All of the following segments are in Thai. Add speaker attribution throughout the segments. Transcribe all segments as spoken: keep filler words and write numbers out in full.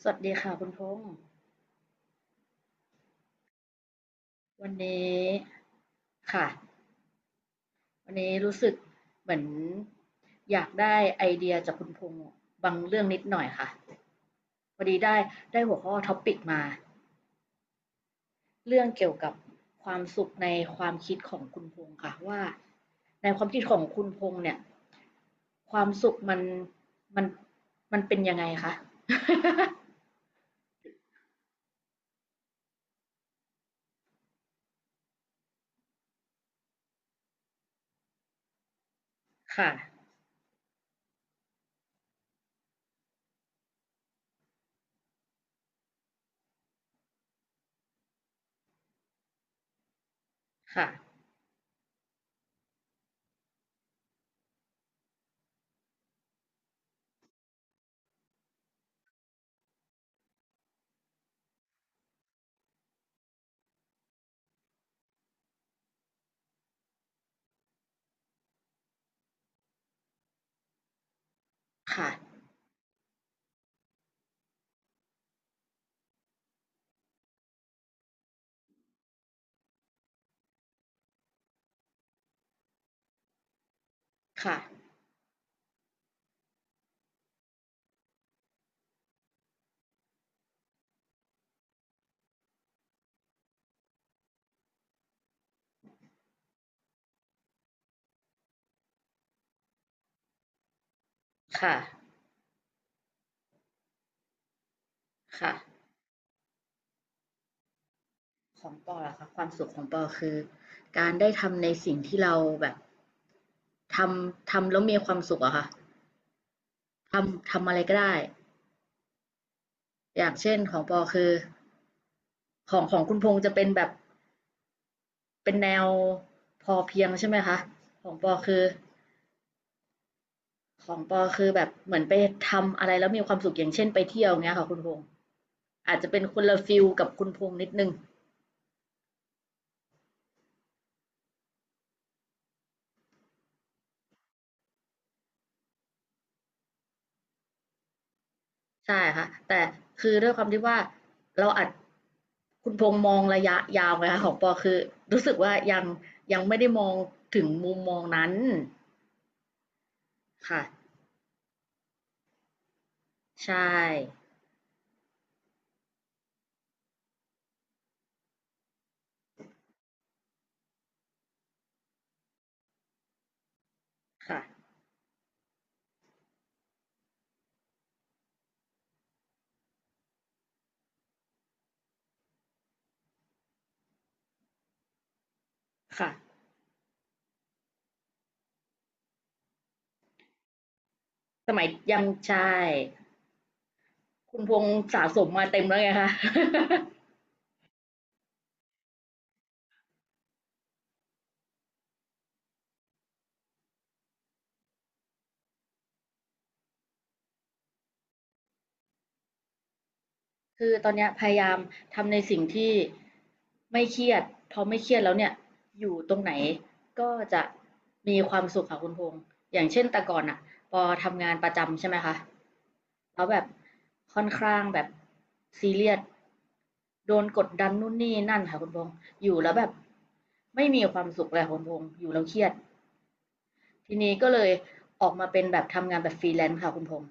Speaker 1: สวัสดีค่ะคุณพงษ์วันนี้ค่ะวันนี้รู้สึกเหมือนอยากได้ไอเดียจากคุณพงษ์บางเรื่องนิดหน่อยค่ะพอดีได้ได้หัวข้อท็อปิกมาเรื่องเกี่ยวกับความสุขในความคิดของคุณพงษ์ค่ะว่าในความคิดของคุณพงษ์เนี่ยความสุขมันมันมันเป็นยังไงคะ ค่ะค่ะค่ะค่ะค่ะค่ะ ของปอล่ะคะความสุขของปอคือการได้ทำในสิ่งที่เราแบบทำทำแล้วมีความสุขอะค่ะทำทำอะไรก็ได้อย่างเช่นของปอคือของของคุณพงษ์จะเป็นแบบเป็นแนวพอเพียงใช่ไหมคะของปอคือของปอคือแบบเหมือนไปทำอะไรแล้วมีความสุขอย่างเช่นไปเที่ยวเงี้ยค่ะคุณพงษ์อาจจะเป็นคนละฟิลกับคุณพงษ์นิดนึง ใช่ค่ะแต่คือด้วยความที่ว่าเราอัดคุณพงษ์มองระยะยาวไงคะของปอคือรู้สึกว่ายังยังไม่ได้มองถึงมุมมองนั้นค่ะใช่ค่ะค่ะสมัยยังใช่คุณพงษ์สะสมมาเต็มแล้วไงคะ คือตอนเนี้ยพยายามทำในสิ่งที่ไม่เครียดพอไม่เครียดแล้วเนี่ยอยู่ตรงไหนก็จะมีความสุขค่ะคุณพงษ์อย่างเช่นแต่ก่อนอ่ะพอทำงานประจำใช่ไหมคะแล้วแบบค่อนข้างแบบซีเรียสโดนกดดันนู่นนี่นั่นค่ะคุณพงษ์อยู่แล้วแบบไม่มีความสุขเลยค่ะคุณพงษ์อยู่แล้วเครียดทีนี้ก็เลยออกมาเป็นแบบทำงานแบบฟรีแลนซ์ค่ะคุณพงษ์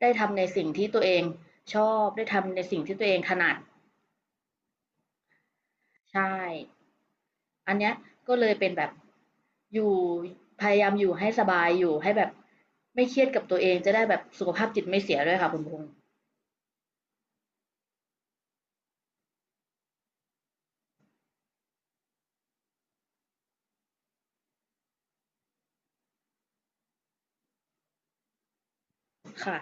Speaker 1: ได้ทำในสิ่งที่ตัวเองชอบได้ทำในสิ่งที่ตัวเองถนัด ใช่ อันเนี้ยก็เลยเป็นแบบอยู่พยายามอยู่ให้สบายอยู่ให้แบบไม่เครียดกับตัวเองจะได้แบบสุขภาพจิตไม่เสียด้วยค่ะคุณพงษ์ค่ะ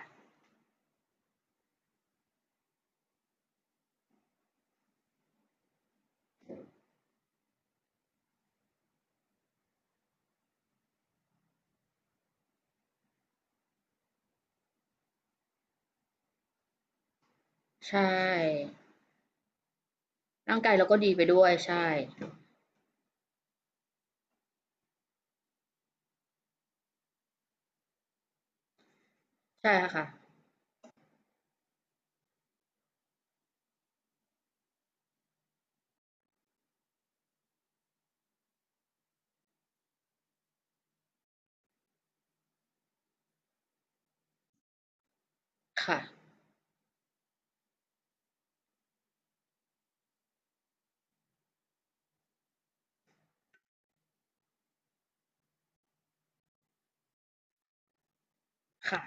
Speaker 1: ใช่ร่างกายเราก็ดีไปด้วยใช่ ใช่ค่ะค่ะค่ะ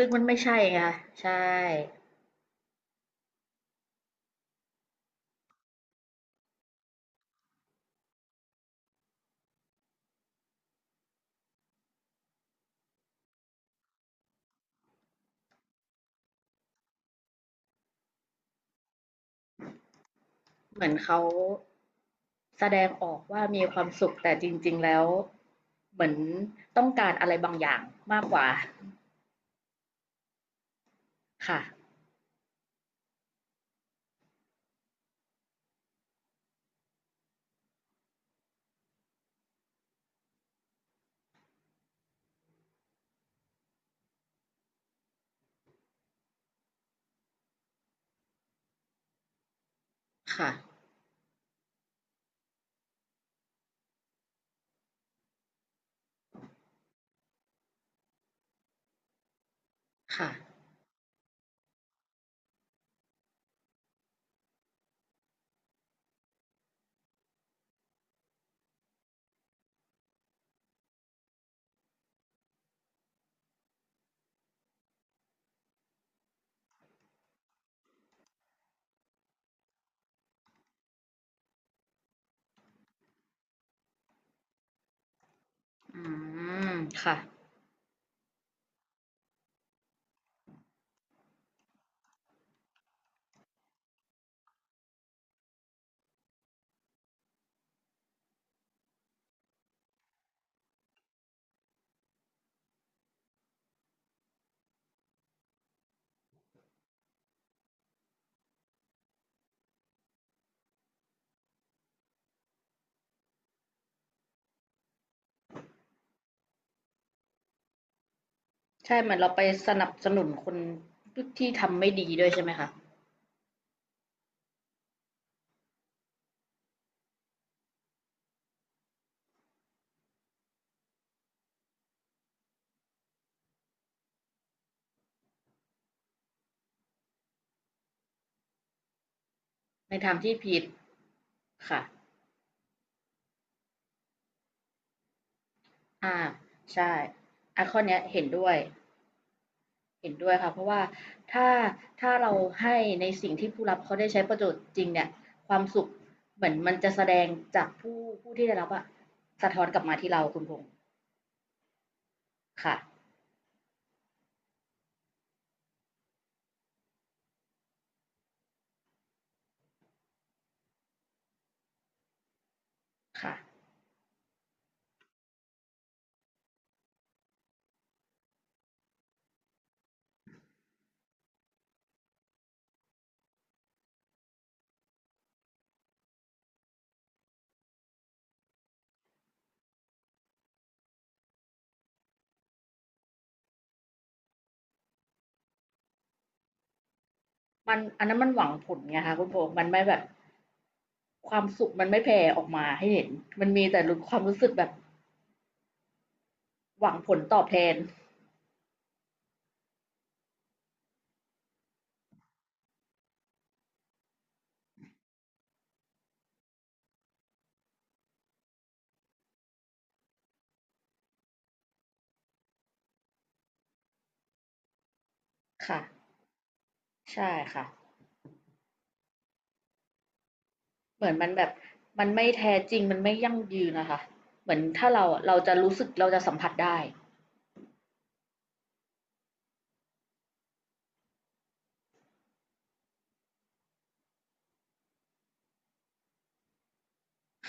Speaker 1: ลึกๆมันไม่ใช่ไงคะใช่ เหมือนเขาแสดงออกว่ามีความสุขแต่จริงๆแล้วเหมือนต้องการอะไรบางอย่างมากกว่าค่ะค่ะค่ะอืม ค่ะ ใช่เหมือนเราไปสนับสนุนคนที่ทำไม่ดีด้วยใช่ไหมคะในทางที่ผิดค่ะอ่าใช่อ่ะข้อเนี้ยเห็นด้วยเห็นด้วยค่ะเพราะว่าถ้าถ้าเราให้ในสิ่งที่ผู้รับเขาได้ใช้ประโยชน์จริงเนี่ยความสุขเหมือนมันจะแสดงจากผู้ผู้ที่ได้รับอะสะท้อนกลับมาที่เราคุณพงษ์ค่ะค่ะมันอันนั้นมันหวังผลไงคะคุณพงษ์มันไม่แบบความสุขมันไม่แผ่ออกมาให้เห็นมันมีแต่รู้ความรู้สึกแบบหวังผลตอบแทนค่ะ ใช่ค่ะเหมือนมันแบบมันไม่แท้จริงมันไม่ยั่งยืนนะคะเหมือนถ้าเราอะเราจะรู้สึกเราจะสัมผัสได้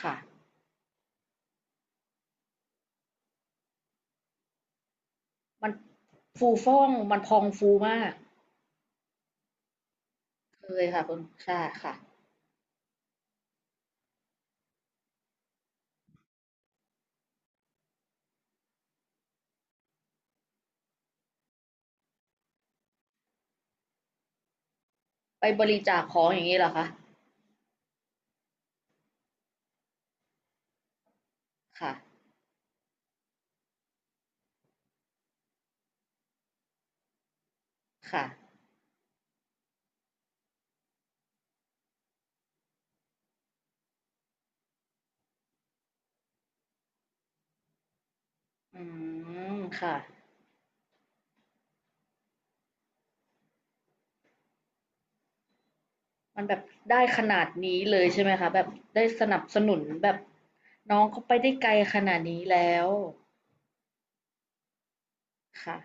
Speaker 1: ค่ะมันฟูฟ่องมันพองฟูมากเคยค่ะคุณใช่ค่ะไปบริจาคของอย่างนี้เหรอคะค่ะค่ะอืมค่ะมันแบบได้ขนาดนี้เลยใช่ไหมคะแบบได้สนับสนุนแบบน้องเขาไปได้ไกลขนาดนี้แล้วค่ะ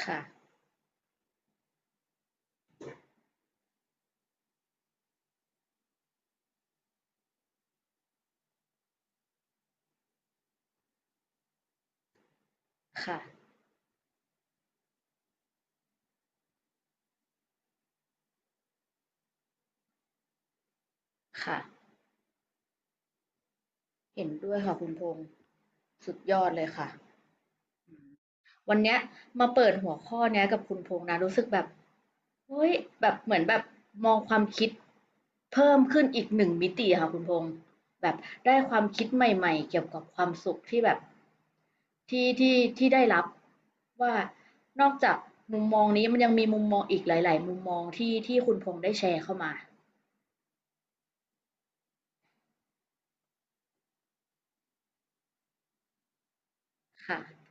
Speaker 1: ค่ะค่ะค่ะเห็นด้วยค่ะคุณพงษ์สุดยอดเลยค่ะ วันเนี้ยมาเปิดหัวข้อเนี้ยกับคุณพงษ์นะรู้สึกแบบเฮ้ยแบบเหมือนแบบมองความคิดเพิ่มขึ้นอีกหนึ่งมิติค่ะคุณพงษ์แบบได้ความคิดใหม่ๆเกี่ยวกับความสุขที่แบบที่ที่ที่ได้รับว่านอกจากมุมมองนี้มันยังมีมุมมองอีกหลายๆมุมมองที่ที่คุณพงษ์ได้แชร์เข้ามาค่ะ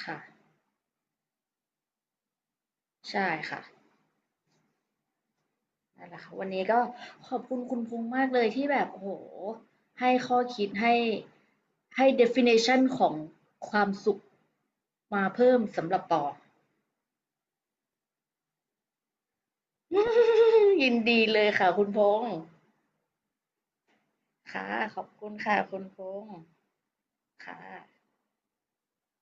Speaker 1: ค่ะใช่ค่ะ นั่นแหละค่ะวันนี้ก็ขอบคุณคุณพงษ์มากเลยที่แบบโอ้โหให้ข้อคิดให้ให้ definition ของความสุขมาเพิ่มสำหรับปอ ยินดีเลยค่ะคุณพงษ์ค่ะขอบคุณค่ะคุณพงษ์ค่ะ